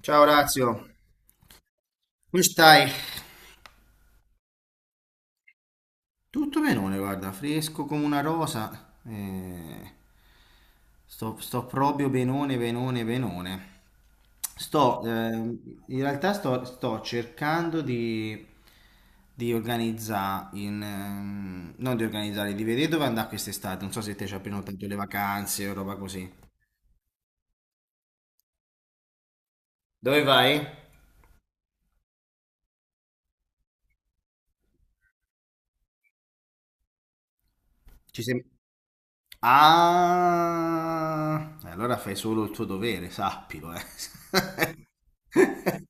Ciao Orazio, come stai? Tutto benone, guarda, fresco come una rosa. Sto proprio benone, benone, benone. Sto, ehm, in realtà sto cercando di organizzare, non di organizzare, di vedere dove andare quest'estate. Non so se te ci hai prenotato le vacanze o roba così. Dove vai? Ci sei, Ah, e allora fai solo il tuo dovere, sappilo, eh.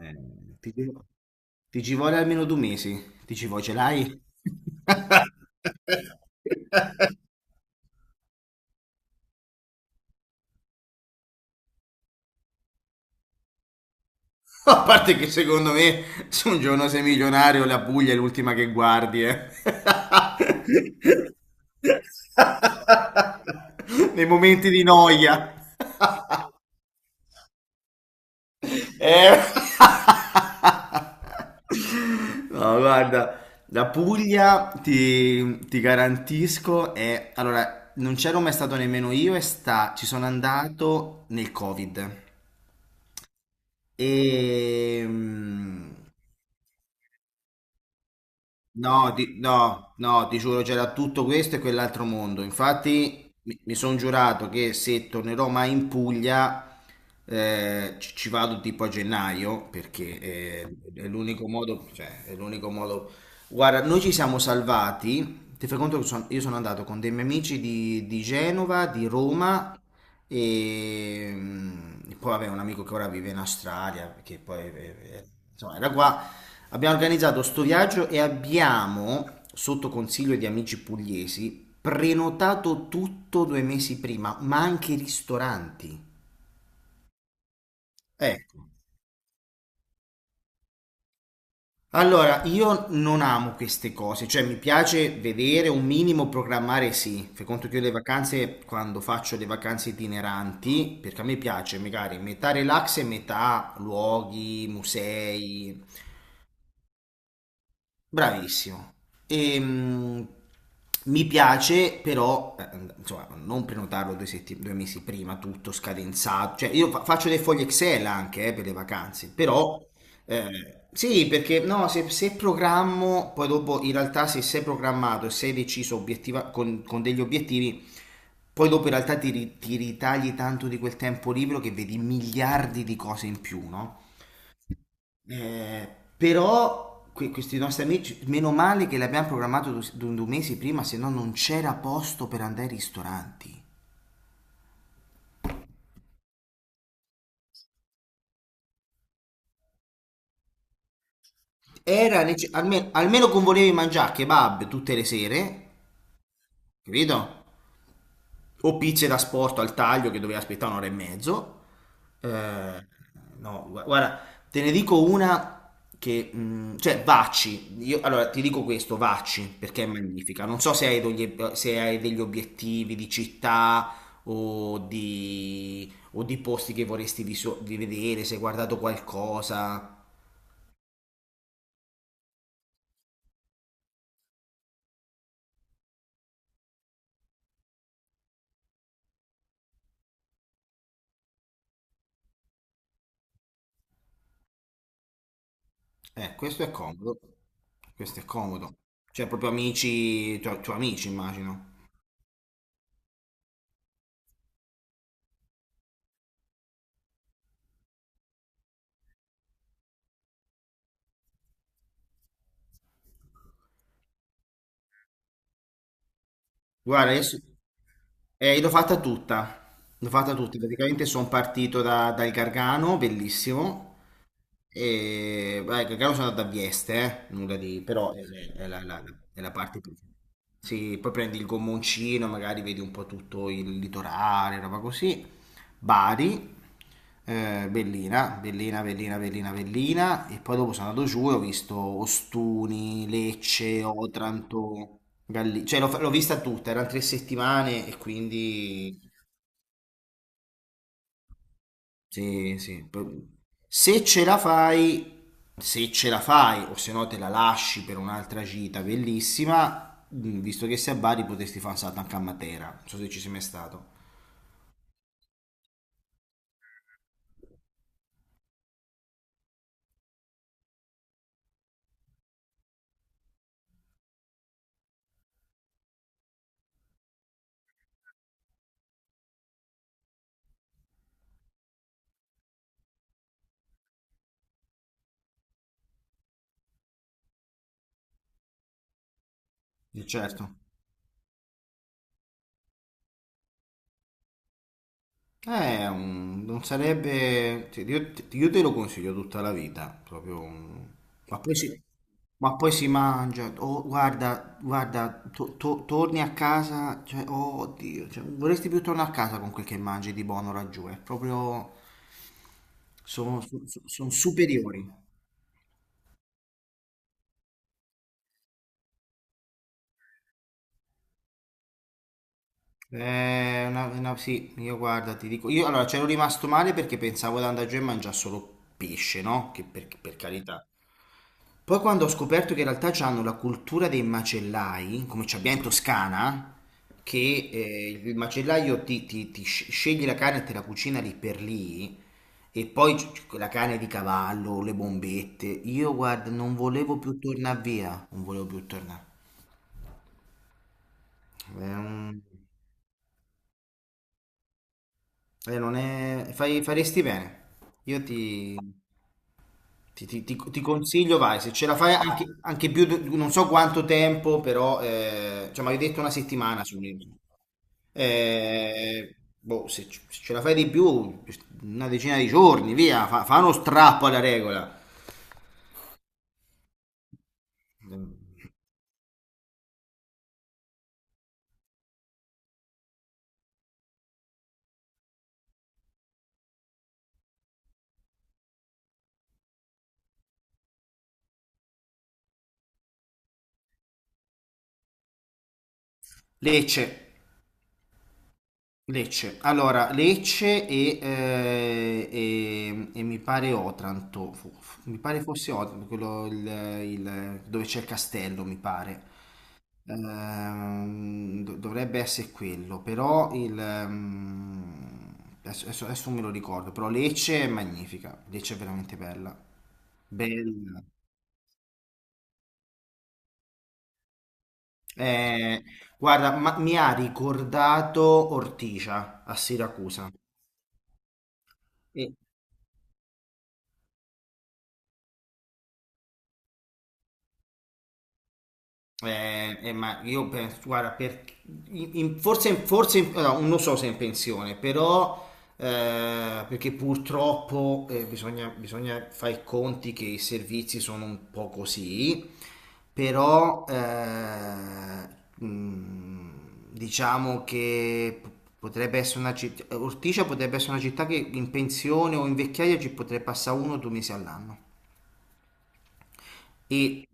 Eh, ti, ci vo- ti ci vuole almeno 2 mesi. Ti ci vuoi, ce l'hai? A parte che secondo me, se un giorno sei milionario, la Puglia è l'ultima che guardi, eh. Nei momenti di noia. Eh, No, guarda, la Puglia ti garantisco è. Allora, non c'ero mai stato nemmeno io ci sono andato nel Covid. E... mm, No, no, no, ti giuro, c'era tutto questo e quell'altro mondo. Infatti, sono giurato che se tornerò mai in Puglia, ci vado tipo a gennaio, perché è l'unico modo, cioè, è l'unico modo. Guarda, noi ci siamo salvati. Ti fai conto che io sono andato con dei miei amici di Genova, di Roma e, poi vabbè, un amico che ora vive in Australia, che poi insomma, era qua. Abbiamo organizzato sto viaggio e abbiamo, sotto consiglio di amici pugliesi, prenotato tutto 2 mesi prima, ma anche i ristoranti. Ecco. Allora, io non amo queste cose, cioè mi piace vedere un minimo programmare, sì. Fai conto che io le vacanze, quando faccio le vacanze itineranti, perché a me piace magari metà relax e metà luoghi, musei. Bravissimo. Ehm, Mi piace però, insomma, non prenotarlo 2 mesi prima, tutto scadenzato. Cioè, io faccio dei fogli Excel anche per le vacanze, però sì, perché no, se programmo, poi dopo in realtà se sei programmato e sei deciso con degli obiettivi, poi dopo in realtà ti ritagli tanto di quel tempo libero che vedi miliardi di cose in più, no? Eh, però questi nostri amici, meno male che l'abbiamo programmato 2 mesi prima, se no non c'era posto per andare ai ristoranti. Era almeno, con volevi mangiare kebab tutte le sere, capito? O pizze da sporto al taglio che doveva aspettare un'ora e mezzo. Eh, no, guarda, te ne dico una che, cioè, Vacci. Io, allora, ti dico questo, Vacci, perché è magnifica. Non so se hai degli obiettivi di città o o di posti che vorresti di vedere, se hai guardato qualcosa. Questo è comodo. Questo è comodo. Cioè, proprio amici, tu, amici, immagino. Guarda, adesso. L'ho fatta tutta, praticamente sono partito dal Gargano, bellissimo, e beh, il Gargano sono andato a Vieste, nulla di, però è la, la- è la parte più. Sì, poi prendi il gommoncino, magari vedi un po' tutto il litorale, roba così, Bari, Bellina, Bellina, Bellina, Bellina, Bellina e poi dopo sono andato giù e ho visto Ostuni, Lecce, Otranto, Galli, cioè l'ho vista tutta, erano 3 settimane e quindi sì, sì. Se ce la fai, Se ce la fai o se no te la lasci per un'altra gita bellissima, visto che sei a Bari potresti fare un salto anche a Matera, non so se ci sei mai stato. Certo. Non sarebbe. Io te lo consiglio tutta la vita, proprio. Ma poi si, ma poi si mangia, oh, guarda, torni a casa, cioè, oh, oddio, cioè, vorresti più tornare a casa con quel che mangi di buono laggiù, è proprio. Sono superiori. Sì, io guarda, ti dico, io allora c'ero rimasto male perché pensavo di andare giù e mangiare solo pesce, no? Che per carità. Poi quando ho scoperto che in realtà hanno la cultura dei macellai, come ci abbiamo in Toscana, che il macellaio sceglie la carne e te la cucina lì per lì, e poi la carne di cavallo, le bombette, io guarda non volevo più tornare via, non volevo più tornare. È un- non è- fai- faresti bene. Io ti consiglio, vai, se ce la fai anche più, non so quanto tempo, però, cioè, mi hai detto una settimana su un'isola. Boh, se ce la fai di più, una decina di giorni, via, fa uno strappo alla regola. Lecce. Lecce, allora Lecce e mi pare Otranto, mi pare fosse Otranto, quello dove c'è il castello, mi pare. Dovrebbe essere quello, però adesso, adesso non me lo ricordo, però Lecce è magnifica, Lecce è veramente bella. Bella. Eh, Guarda, mi ha ricordato Ortigia a Siracusa. Ma io penso, guarda, no, non so se è in pensione, però perché purtroppo bisogna fare i conti che i servizi sono un po' così, però mh, diciamo che potrebbe essere una città, Ortigia potrebbe essere una città che in pensione o in vecchiaia ci potrebbe passare 1 o 2 mesi all'anno. E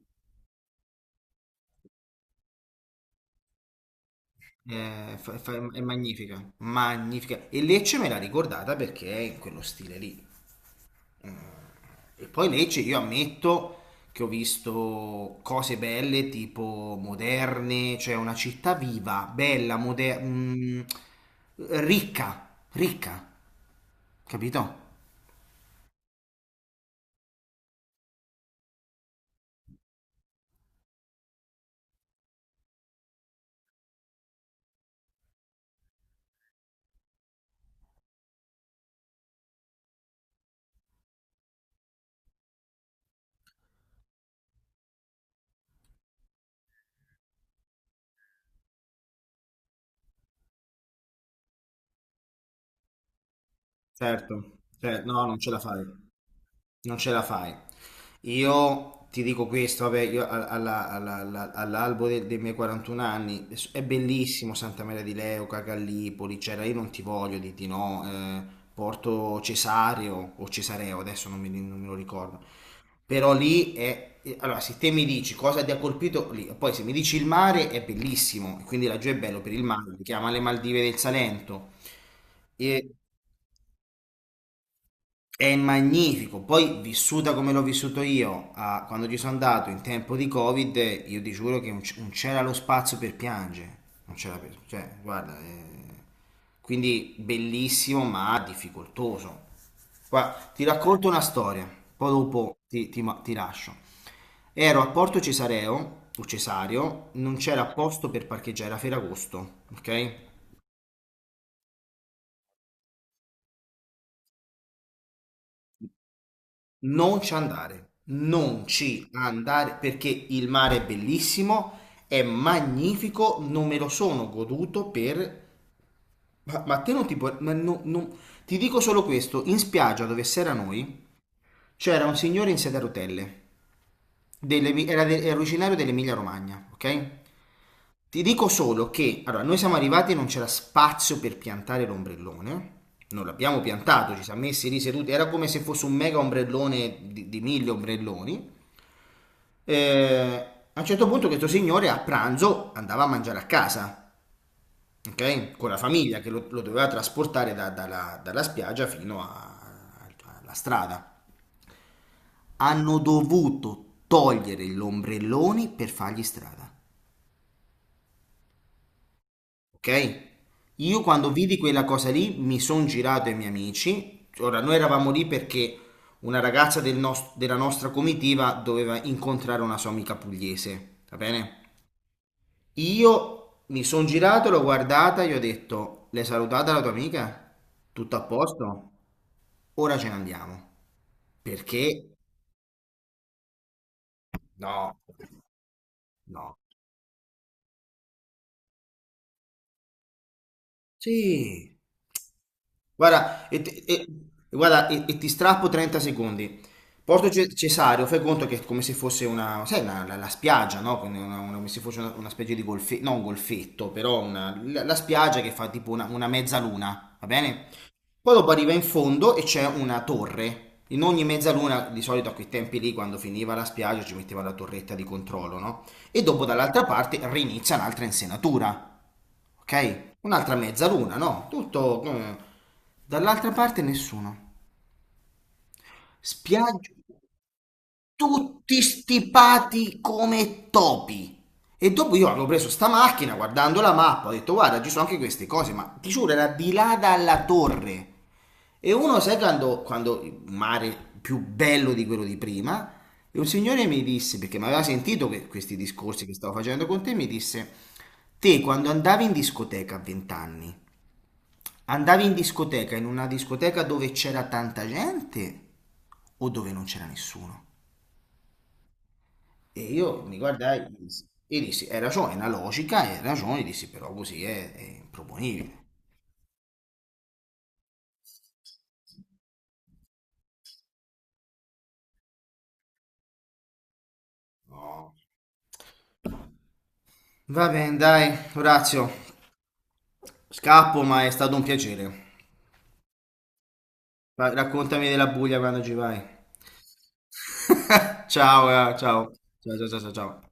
è magnifica, magnifica. E Lecce me l'ha ricordata perché è in quello stile lì. E poi Lecce, io ammetto che ho visto cose belle, tipo moderne, cioè una città viva, bella, moderna, ricca, ricca, capito? Certo, cioè, no, non ce la fai. Non ce la fai. Io ti dico questo, vabbè, io a- alla- alla- alla- all'albo dei miei 41 anni è bellissimo Santa Maria di Leuca, Gallipoli, c'era, io non ti voglio di no, Porto Cesario o Cesareo, adesso non me lo ricordo. Però lì allora se te mi dici cosa ti ha colpito lì, poi se mi dici il mare è bellissimo, e quindi laggiù è bello per il mare, si chiama le Maldive del Salento. E- è magnifico, poi vissuta come l'ho vissuto io, ah, quando ci sono andato in tempo di Covid, io ti giuro che non c'era lo spazio per piangere, non c'era per, cioè, guarda, quindi bellissimo ma difficoltoso. Guarda, ti racconto una storia, poi dopo ti lascio. Ero a Porto Cesareo, o Cesario, non c'era posto per parcheggiare, era Ferragosto, ok? Non ci andare, non ci andare perché il mare è bellissimo, è magnifico, non me lo sono goduto per. Ma te non ti puoi. Ti dico solo questo, in spiaggia dove si era noi c'era un signore in sedia a rotelle, era originario dell'Emilia Romagna, ok? Ti dico solo che, allora, noi siamo arrivati e non c'era spazio per piantare l'ombrellone, non l'abbiamo piantato, ci siamo messi lì seduti, era come se fosse un mega ombrellone di 1000 ombrelloni. Eh, a un certo punto questo signore a pranzo andava a mangiare a casa, ok? Con la famiglia che lo doveva trasportare dalla spiaggia fino alla strada. Hanno dovuto togliere gli ombrelloni per fargli strada, ok? Io quando vidi quella cosa lì mi sono girato ai miei amici. Ora, noi eravamo lì perché una ragazza della nostra comitiva doveva incontrare una sua amica pugliese, va bene? Io mi sono girato, l'ho guardata, gli ho detto, l'hai salutata la tua amica? Tutto a posto? Ora ce ne andiamo. Perché? No, no. Sì. Guarda, e ti strappo 30 secondi. Porto Cesareo, fai conto che è come se fosse una, sai, la spiaggia, no? Quindi come se fosse una specie di golfetto, non un golfetto, però la spiaggia che fa tipo una mezzaluna, va bene? Poi dopo arriva in fondo e c'è una torre. In ogni mezzaluna, di solito a quei tempi lì, quando finiva la spiaggia, ci metteva la torretta di controllo, no? E dopo dall'altra parte rinizia un'altra insenatura, ok? Un'altra mezzaluna, no? Tutto. Eh. Dall'altra parte nessuno. Spiaggia, tutti stipati come topi. E dopo io avevo preso sta macchina, guardando la mappa, ho detto guarda, ci sono anche queste cose, ma ti giuro, era di là dalla torre. E uno, sai quando il mare più bello di quello di prima, e un signore mi disse, perché mi aveva sentito questi discorsi che stavo facendo con te, mi disse, te quando andavi in discoteca a 20 anni, andavi in discoteca, in una discoteca dove c'era tanta gente o dove non c'era nessuno? E io mi guardai e dissi, hai ragione, è una logica, hai ragione, dissi, però così è improponibile. Va bene, dai, Orazio, scappo, ma è stato un piacere. Ma raccontami della Puglia quando ci vai. Ciao, ciao. Ciao, ciao, ciao, ciao.